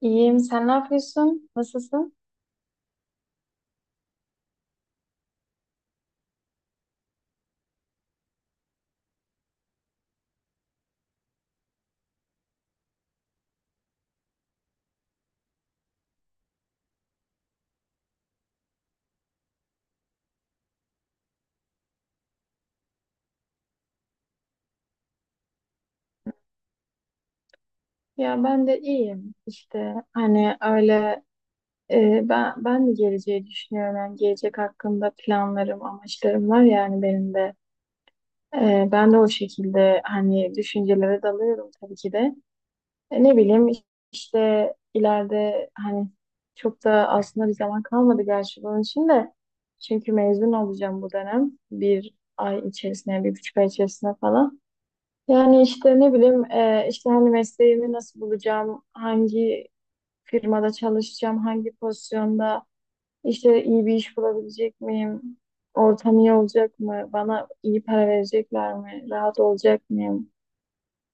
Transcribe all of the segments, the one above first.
İyiyim. Sen ne yapıyorsun? Nasılsın? Ya ben de iyiyim. İşte hani öyle ben de geleceği düşünüyorum. Yani gelecek hakkında planlarım, amaçlarım var yani benim de. Ben de o şekilde hani düşüncelere dalıyorum tabii ki de. Ne bileyim işte ileride hani çok da aslında bir zaman kalmadı gerçi bunun için de. Çünkü mezun olacağım bu dönem. Bir ay içerisinde, bir buçuk ay içerisinde falan. Yani işte ne bileyim işte hani mesleğimi nasıl bulacağım, hangi firmada çalışacağım, hangi pozisyonda işte iyi bir iş bulabilecek miyim, ortam iyi olacak mı, bana iyi para verecekler mi, rahat olacak mıyım?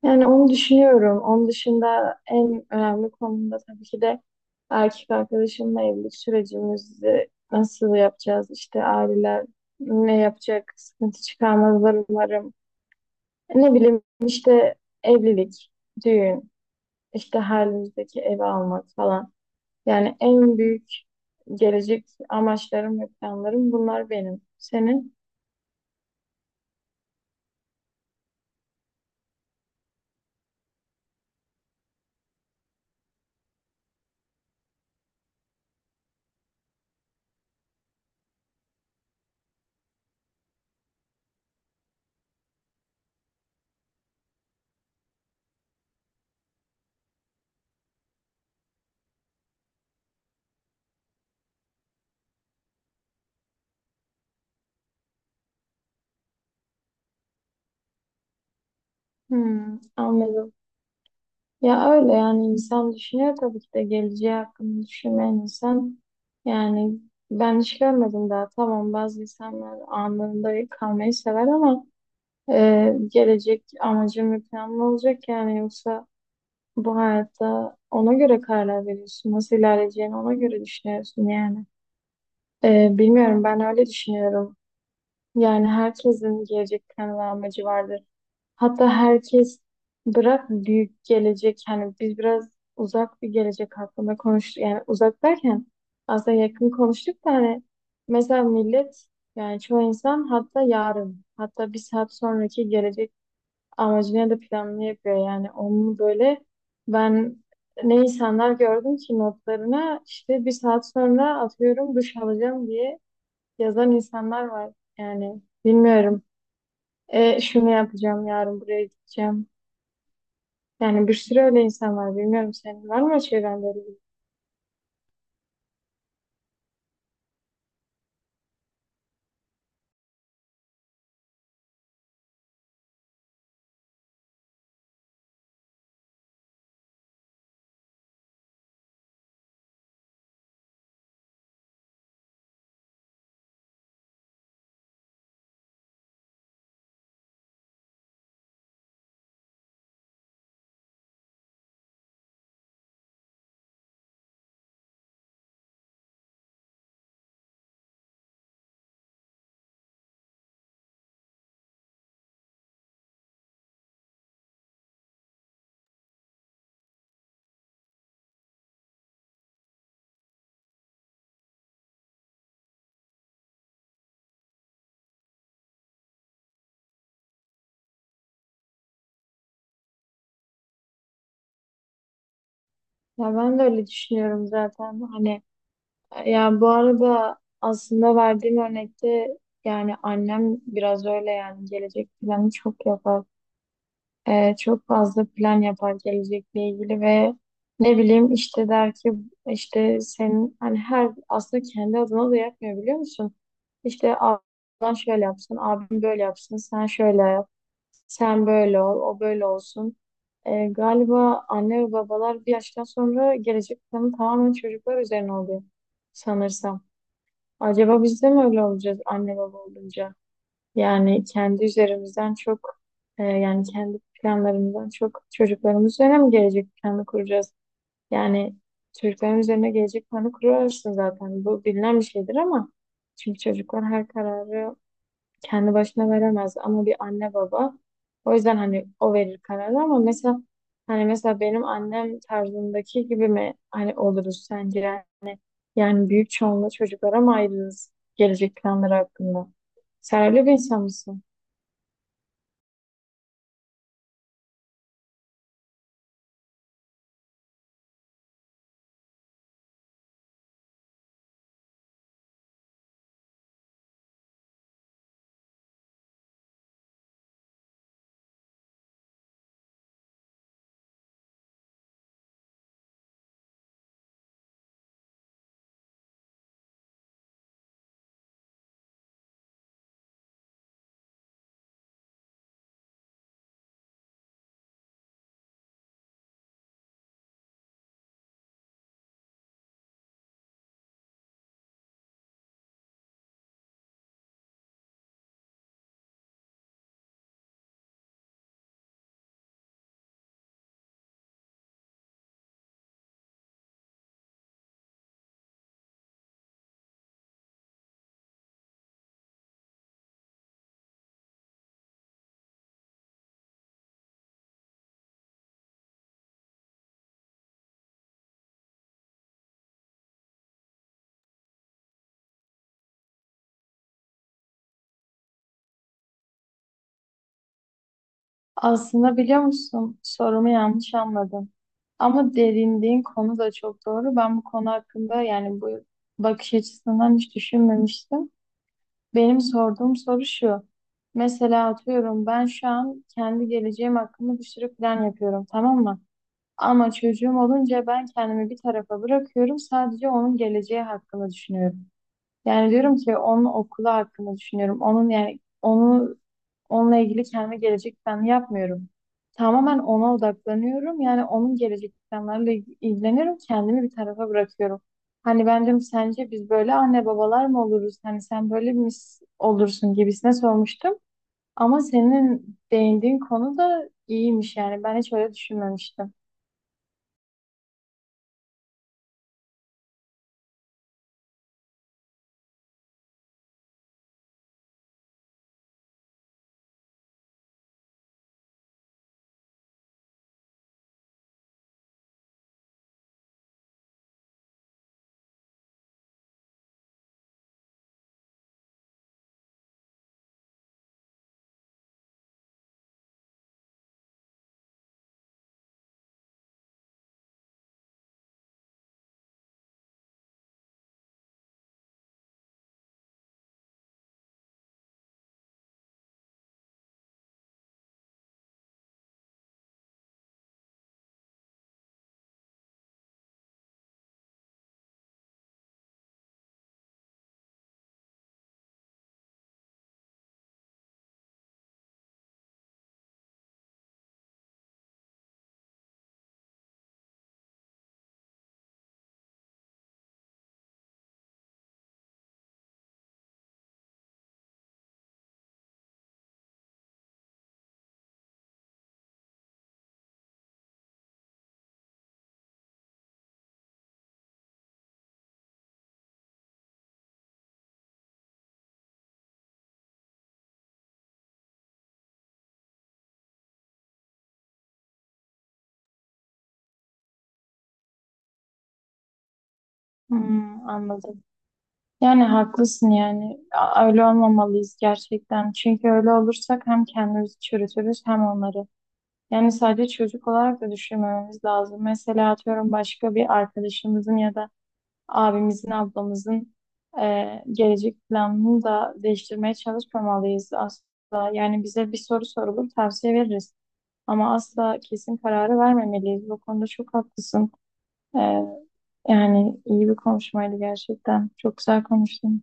Yani onu düşünüyorum. Onun dışında en önemli konumda tabii ki de erkek arkadaşımla evlilik sürecimizi nasıl yapacağız, işte aileler ne yapacak, sıkıntı çıkarmazlar umarım. Ne bileyim işte evlilik, düğün, işte halimizdeki bizdeki evi almak falan. Yani en büyük gelecek amaçlarım ve planlarım bunlar benim. Senin? Hmm, anladım. Ya öyle yani insan düşünüyor tabii ki de geleceği hakkında düşünmeyen insan. Yani ben hiç görmedim daha. Tamam, bazı insanlar anında kalmayı sever ama gelecek amacım ve planım olacak yani, yoksa bu hayatta ona göre kararlar veriyorsun. Nasıl ilerleyeceğini ona göre düşünüyorsun yani. Bilmiyorum, ben öyle düşünüyorum. Yani herkesin gelecek planı ve amacı vardır. Hatta herkes bırak büyük gelecek. Yani biz biraz uzak bir gelecek hakkında konuştuk. Yani uzak derken aslında yakın konuştuk da hani mesela millet, yani çoğu insan hatta yarın hatta bir saat sonraki gelecek amacını da planını yapıyor. Yani onu böyle ben ne insanlar gördüm ki notlarına işte bir saat sonra atıyorum duş alacağım diye yazan insanlar var. Yani bilmiyorum. Şunu yapacağım yarın buraya gideceğim. Yani bir sürü öyle insan var. Bilmiyorum, senin var mı çevrende öyle biri? Ya ben de öyle düşünüyorum zaten. Hani ya bu arada aslında verdiğim örnekte yani annem biraz öyle, yani gelecek planı çok yapar. Çok fazla plan yapar gelecekle ilgili ve ne bileyim işte der ki işte senin hani her aslında kendi adına da yapmıyor biliyor musun? İşte ablan şöyle yapsın, abim böyle yapsın, sen şöyle yap, sen böyle ol, o böyle olsun. Galiba anne ve babalar bir yaştan sonra gelecek planı tamamen çocuklar üzerine oluyor sanırsam. Acaba biz de mi öyle olacağız anne baba olunca? Yani kendi üzerimizden çok yani kendi planlarımızdan çok çocuklarımız üzerine mi gelecek planı kuracağız? Yani çocukların üzerine gelecek planı kurarsın zaten. Bu bilinen bir şeydir ama çünkü çocuklar her kararı kendi başına veremez, ama bir anne baba o yüzden hani o verir kararı. Ama mesela hani mesela benim annem tarzındaki gibi mi hani oluruz sence? Yani büyük çoğunluğu çocuklara mı ayrılırız gelecek planları hakkında? Sen öyle bir insan mısın? Aslında biliyor musun, sorumu yanlış anladın. Ama derindiğin konu da çok doğru. Ben bu konu hakkında, yani bu bakış açısından hiç düşünmemiştim. Benim sorduğum soru şu. Mesela atıyorum ben şu an kendi geleceğim hakkında bir sürü plan yapıyorum, tamam mı? Ama çocuğum olunca ben kendimi bir tarafa bırakıyorum. Sadece onun geleceği hakkında düşünüyorum. Yani diyorum ki onun okulu hakkında düşünüyorum. Onun yani onu, onunla ilgili kendi gelecek planı yapmıyorum. Tamamen ona odaklanıyorum. Yani onun gelecek planlarıyla ilgileniyorum. Kendimi bir tarafa bırakıyorum. Hani ben bence sence biz böyle anne babalar mı oluruz? Hani sen böyle mi olursun gibisine sormuştum. Ama senin değindiğin konu da iyiymiş yani. Ben hiç öyle düşünmemiştim. Hmm, anladım. Yani haklısın yani. Öyle olmamalıyız gerçekten. Çünkü öyle olursak hem kendimizi çürütürüz hem onları. Yani sadece çocuk olarak da düşünmememiz lazım. Mesela atıyorum başka bir arkadaşımızın ya da abimizin, ablamızın gelecek planını da değiştirmeye çalışmamalıyız asla. Yani bize bir soru sorulur, tavsiye veririz. Ama asla kesin kararı vermemeliyiz. Bu konuda çok haklısın. E, Yani iyi bir konuşmaydı gerçekten. Çok güzel konuştun.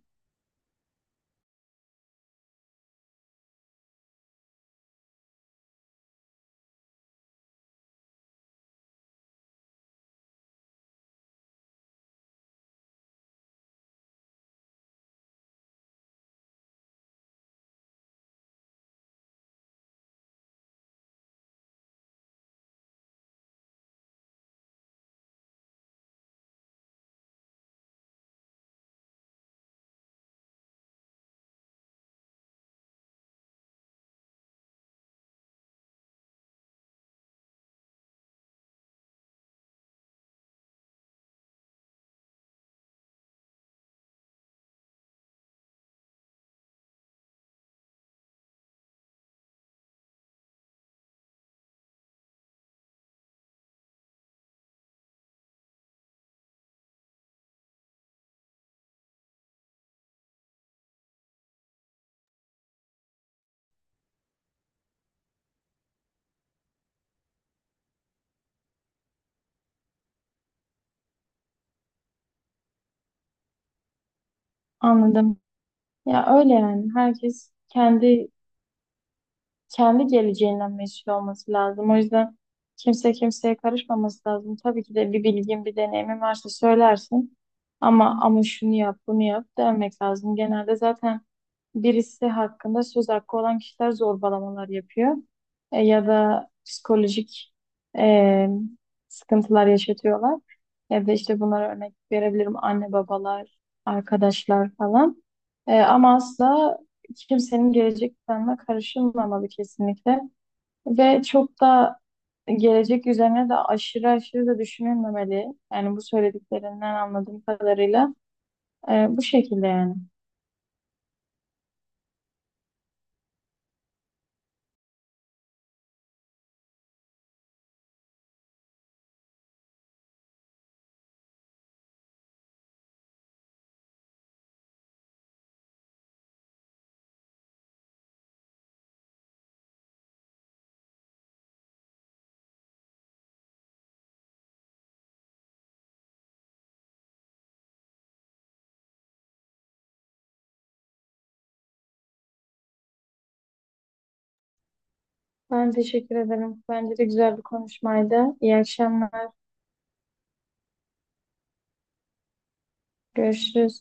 Anladım. Ya öyle yani. Herkes kendi kendi geleceğinden mesul olması lazım. O yüzden kimse kimseye karışmaması lazım. Tabii ki de bir bilgin, bir deneyimin varsa söylersin. Ama şunu yap, bunu yap demek lazım. Genelde zaten birisi hakkında söz hakkı olan kişiler zorbalamalar yapıyor. Ya da psikolojik e, sıkıntılar yaşatıyorlar. Ya da işte bunlara örnek verebilirim anne babalar, arkadaşlar falan. Ama asla hiç kimsenin gelecek planına karışılmamalı kesinlikle. Ve çok da gelecek üzerine de aşırı aşırı da düşünülmemeli. Yani bu söylediklerinden anladığım kadarıyla bu şekilde yani. Ben teşekkür ederim. Bence de güzel bir konuşmaydı. İyi akşamlar. Görüşürüz.